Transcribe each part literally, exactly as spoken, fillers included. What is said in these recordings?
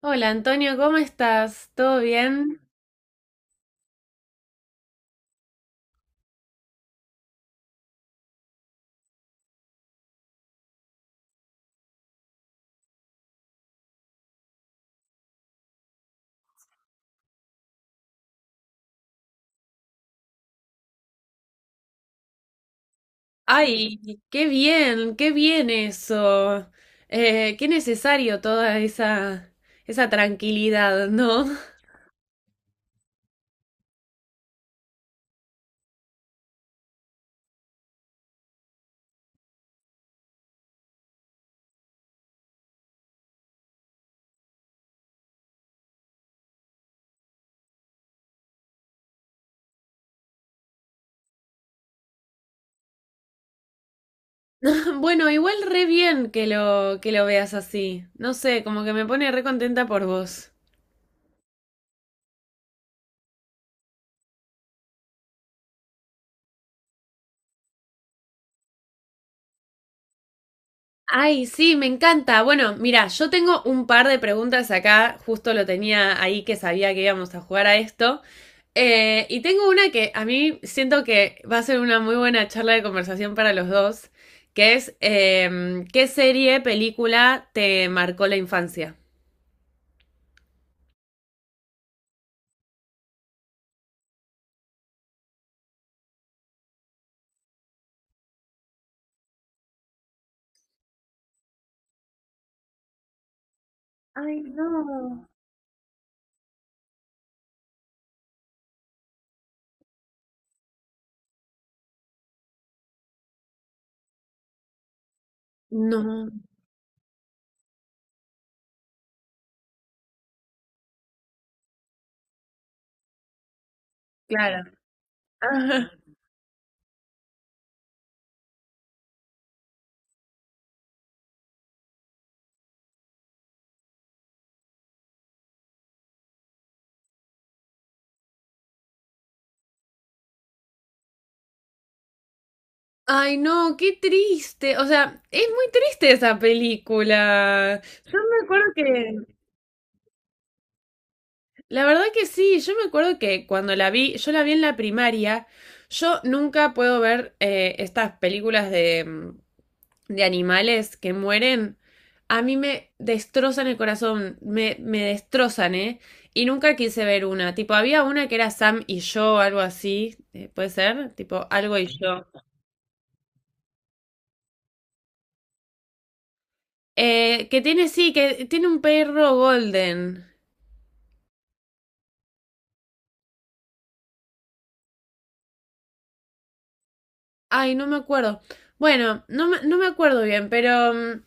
Hola Antonio, ¿cómo estás? ¿Todo bien? Ay, qué bien, qué bien eso. Eh, qué necesario toda esa, esa tranquilidad, ¿no? Bueno, igual re bien que lo, que lo veas así. No sé, como que me pone re contenta por vos. Ay, sí, me encanta. Bueno, mira, yo tengo un par de preguntas acá, justo lo tenía ahí que sabía que íbamos a jugar a esto. Eh, y tengo una que a mí siento que va a ser una muy buena charla de conversación para los dos, que es em, ¿qué serie, película te marcó la infancia? Ay, no. No, claro. Ajá. Ay, no, qué triste. O sea, es muy triste esa película. Yo me acuerdo que, la verdad que sí, yo me acuerdo que cuando la vi, yo la vi en la primaria, yo nunca puedo ver eh, estas películas de... mm, de animales que mueren, a mí me destrozan el corazón, me, me destrozan, ¿eh? Y nunca quise ver una. Tipo, había una que era Sam y yo, algo así, eh, puede ser, tipo, algo y yo. Eh, que tiene, sí, que tiene un perro golden. Ay, no me acuerdo. Bueno, no me, no me acuerdo bien, pero... mm,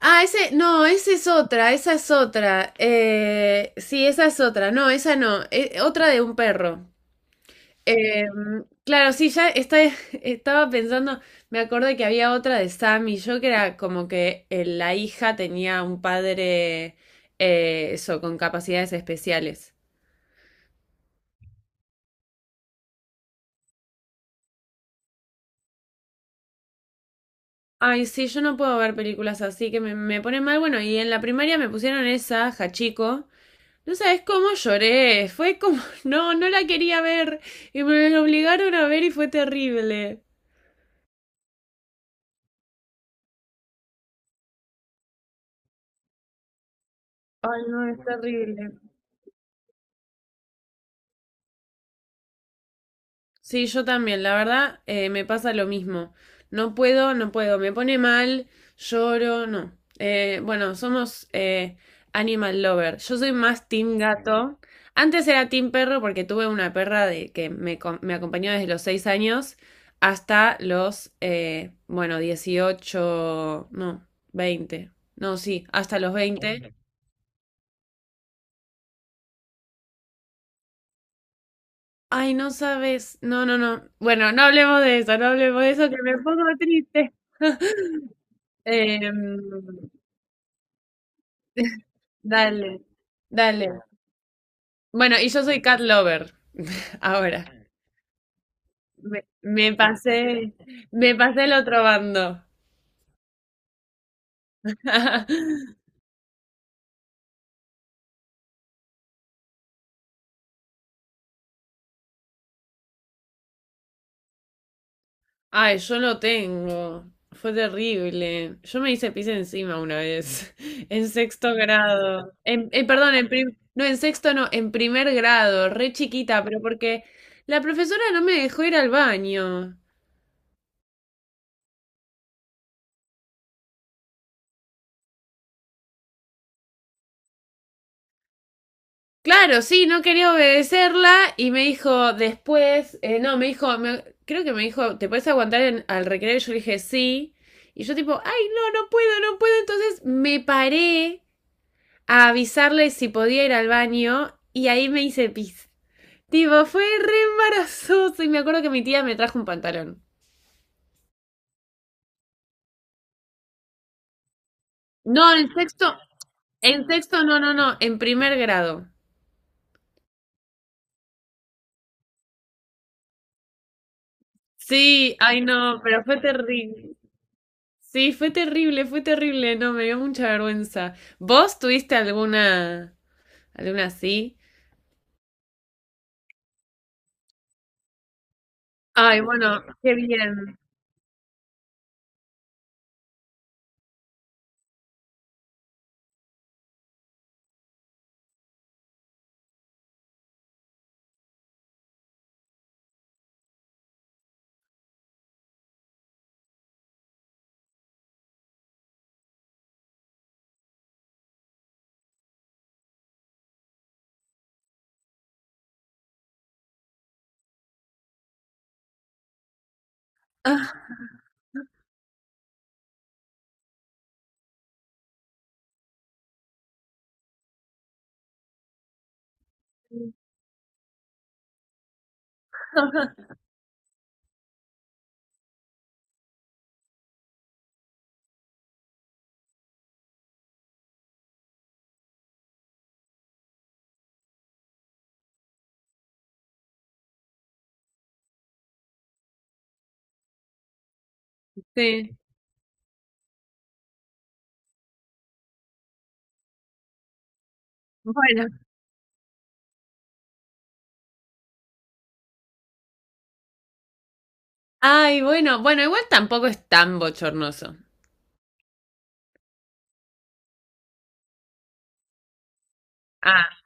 Ah, ese, no, esa es otra, esa es otra. Eh, sí, esa es otra. No, esa no, eh, otra de un perro. Eh, claro, sí, ya está- estaba pensando, me acordé que había otra de Sam y yo que era como que eh, la hija tenía un padre, eh, eso, con capacidades especiales. Ay, sí, yo no puedo ver películas así que me, me ponen mal. Bueno, y en la primaria me pusieron esa, Hachiko. No sabes cómo lloré, fue como, no, no la quería ver y me la obligaron a ver y fue terrible. Ay, no, es terrible. Sí, yo también, la verdad, eh, me pasa lo mismo. No puedo, no puedo, me pone mal, lloro, no. Eh, bueno, somos eh, animal lover. Yo soy más team gato. Antes era team perro porque tuve una perra de, que me, co- me acompañó desde los seis años hasta los, eh, bueno, dieciocho, no, veinte. No, sí, hasta los veinte. Ay, no sabes. No, no, no. Bueno, no hablemos de eso, no hablemos de eso, que me pongo triste. Em, dale, dale. Bueno, y yo soy cat lover ahora. Me, me pasé, me pasé el otro bando. Ay, yo lo tengo. Fue terrible. Yo me hice pis encima una vez, en sexto grado. En, en- perdón, en prim- no, en sexto no, en primer grado, re chiquita, pero porque la profesora no me dejó ir al baño. Claro, sí, no quería obedecerla y me dijo después, eh, no, me dijo, me- creo que me dijo, ¿te puedes aguantar en- al recreo? Y yo le dije, sí. Y yo tipo, ay, no, no puedo, no puedo. Entonces me paré a avisarle si podía ir al baño y ahí me hice pis. Tipo, fue re embarazoso y me acuerdo que mi tía me trajo un pantalón. No, en sexto, en sexto, no, no, no, en primer grado. Sí, ay, no, pero fue terrible. Sí, fue terrible, fue terrible, no, me dio mucha vergüenza. ¿Vos tuviste alguna, alguna así? Ay, bueno, qué bien. Ah, sí, bueno. Ay, bueno, bueno, igual tampoco es tan bochornoso. Ah,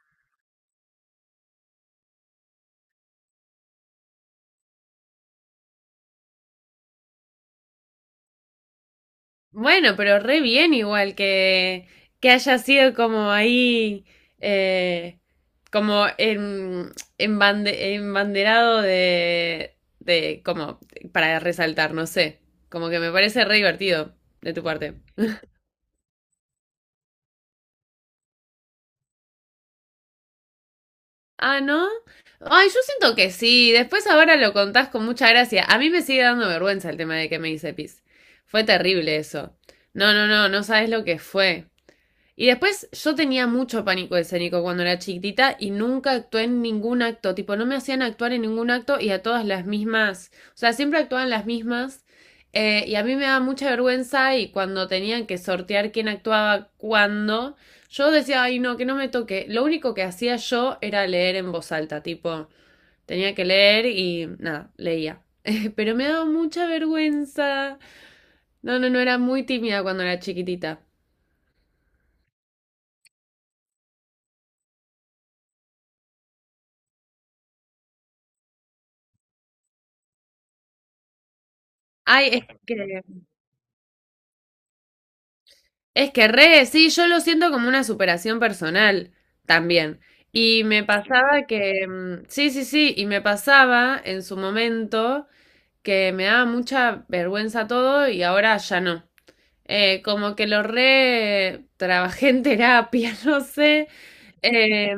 bueno, pero re bien igual que, que haya sido como ahí, eh, como en, embande- embanderado de, de, como, para resaltar, no sé, como que me parece re divertido de tu parte. Ah, ¿no? Ay, yo siento que sí. Después ahora lo contás con mucha gracia. A mí me sigue dando vergüenza el tema de que me hice pis. Fue terrible eso. No, no, no, no sabes lo que fue. Y después yo tenía mucho pánico escénico cuando era chiquitita y nunca actué en ningún acto, tipo no me hacían actuar en ningún acto y a todas las mismas, o sea, siempre actuaban las mismas eh, y a mí me daba mucha vergüenza y cuando tenían que sortear quién actuaba cuándo, yo decía, ay no, que no me toque, lo único que hacía yo era leer en voz alta, tipo, tenía que leer y nada, leía. Pero me daba mucha vergüenza. No, no, no, era muy tímida cuando era chiquitita. Ay, es que es que re, sí, yo lo siento como una superación personal también. Y me pasaba que, mm, sí, sí, sí, y me pasaba en su momento que me daba mucha vergüenza todo y ahora ya no. Eh, como que lo re trabajé en terapia, no sé, eh,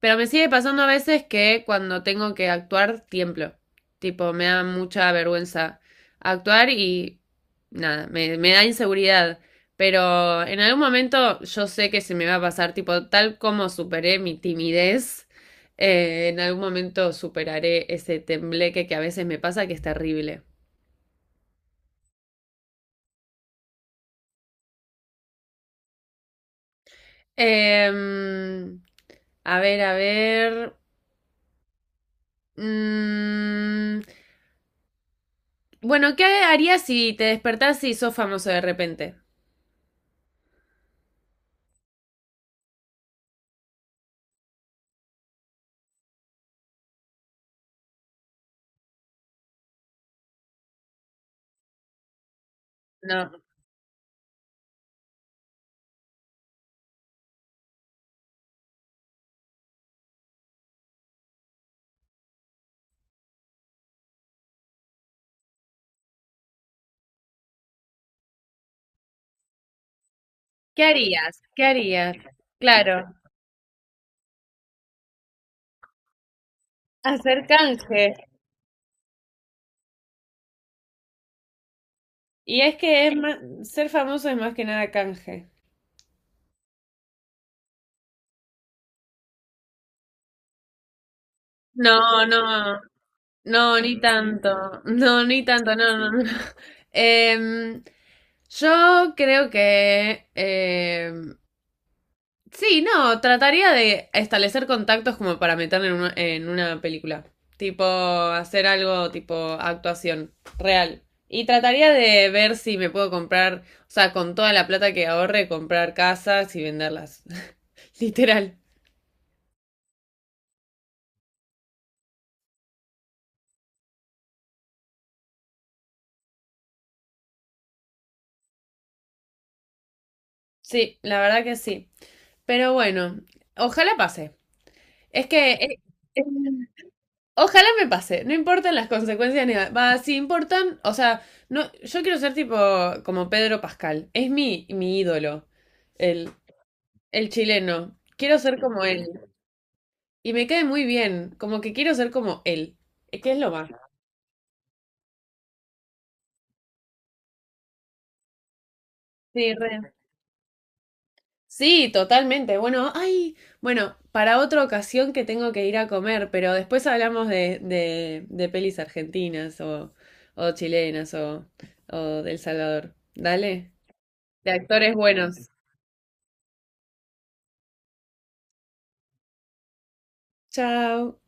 pero me sigue pasando a veces que cuando tengo que actuar, tiemblo. Tipo, me da mucha vergüenza actuar y nada, me, me da inseguridad. Pero en algún momento yo sé que se me va a pasar, tipo, tal como superé mi timidez, eh, en algún momento superaré ese tembleque que a veces me pasa, que es terrible. Em, a ver, a ver. Mm, Bueno, ¿qué harías si te despertás y sos famoso de repente? No. ¿Qué harías? ¿Qué harías? Claro, hacer canje. Y es que es más, ser famoso es más que nada canje. No, no, no, ni tanto. No, ni tanto, no, no, no. Em, yo creo que em, sí, no, trataría de establecer contactos como para meter en una, en una película. Tipo, hacer algo tipo actuación real. Y trataría de ver si me puedo comprar, o sea, con toda la plata que ahorre, comprar casas y venderlas. Literal. Sí, la verdad que sí. Pero bueno, ojalá pase. Es que... eh, eh, Ojalá me pase, no importan las consecuencias ni nada. Va, si importan, o sea, no, yo quiero ser tipo como Pedro Pascal. Es mi, mi ídolo, el, el chileno. Quiero ser como él. Y me cae muy bien, como que quiero ser como él. Es que es lo más. Sí, re. Sí, totalmente. Bueno, ay, bueno, para otra ocasión que tengo que ir a comer, pero después hablamos de, de, de pelis argentinas o, o chilenas o, o del Salvador. Dale, de actores buenos. Chao.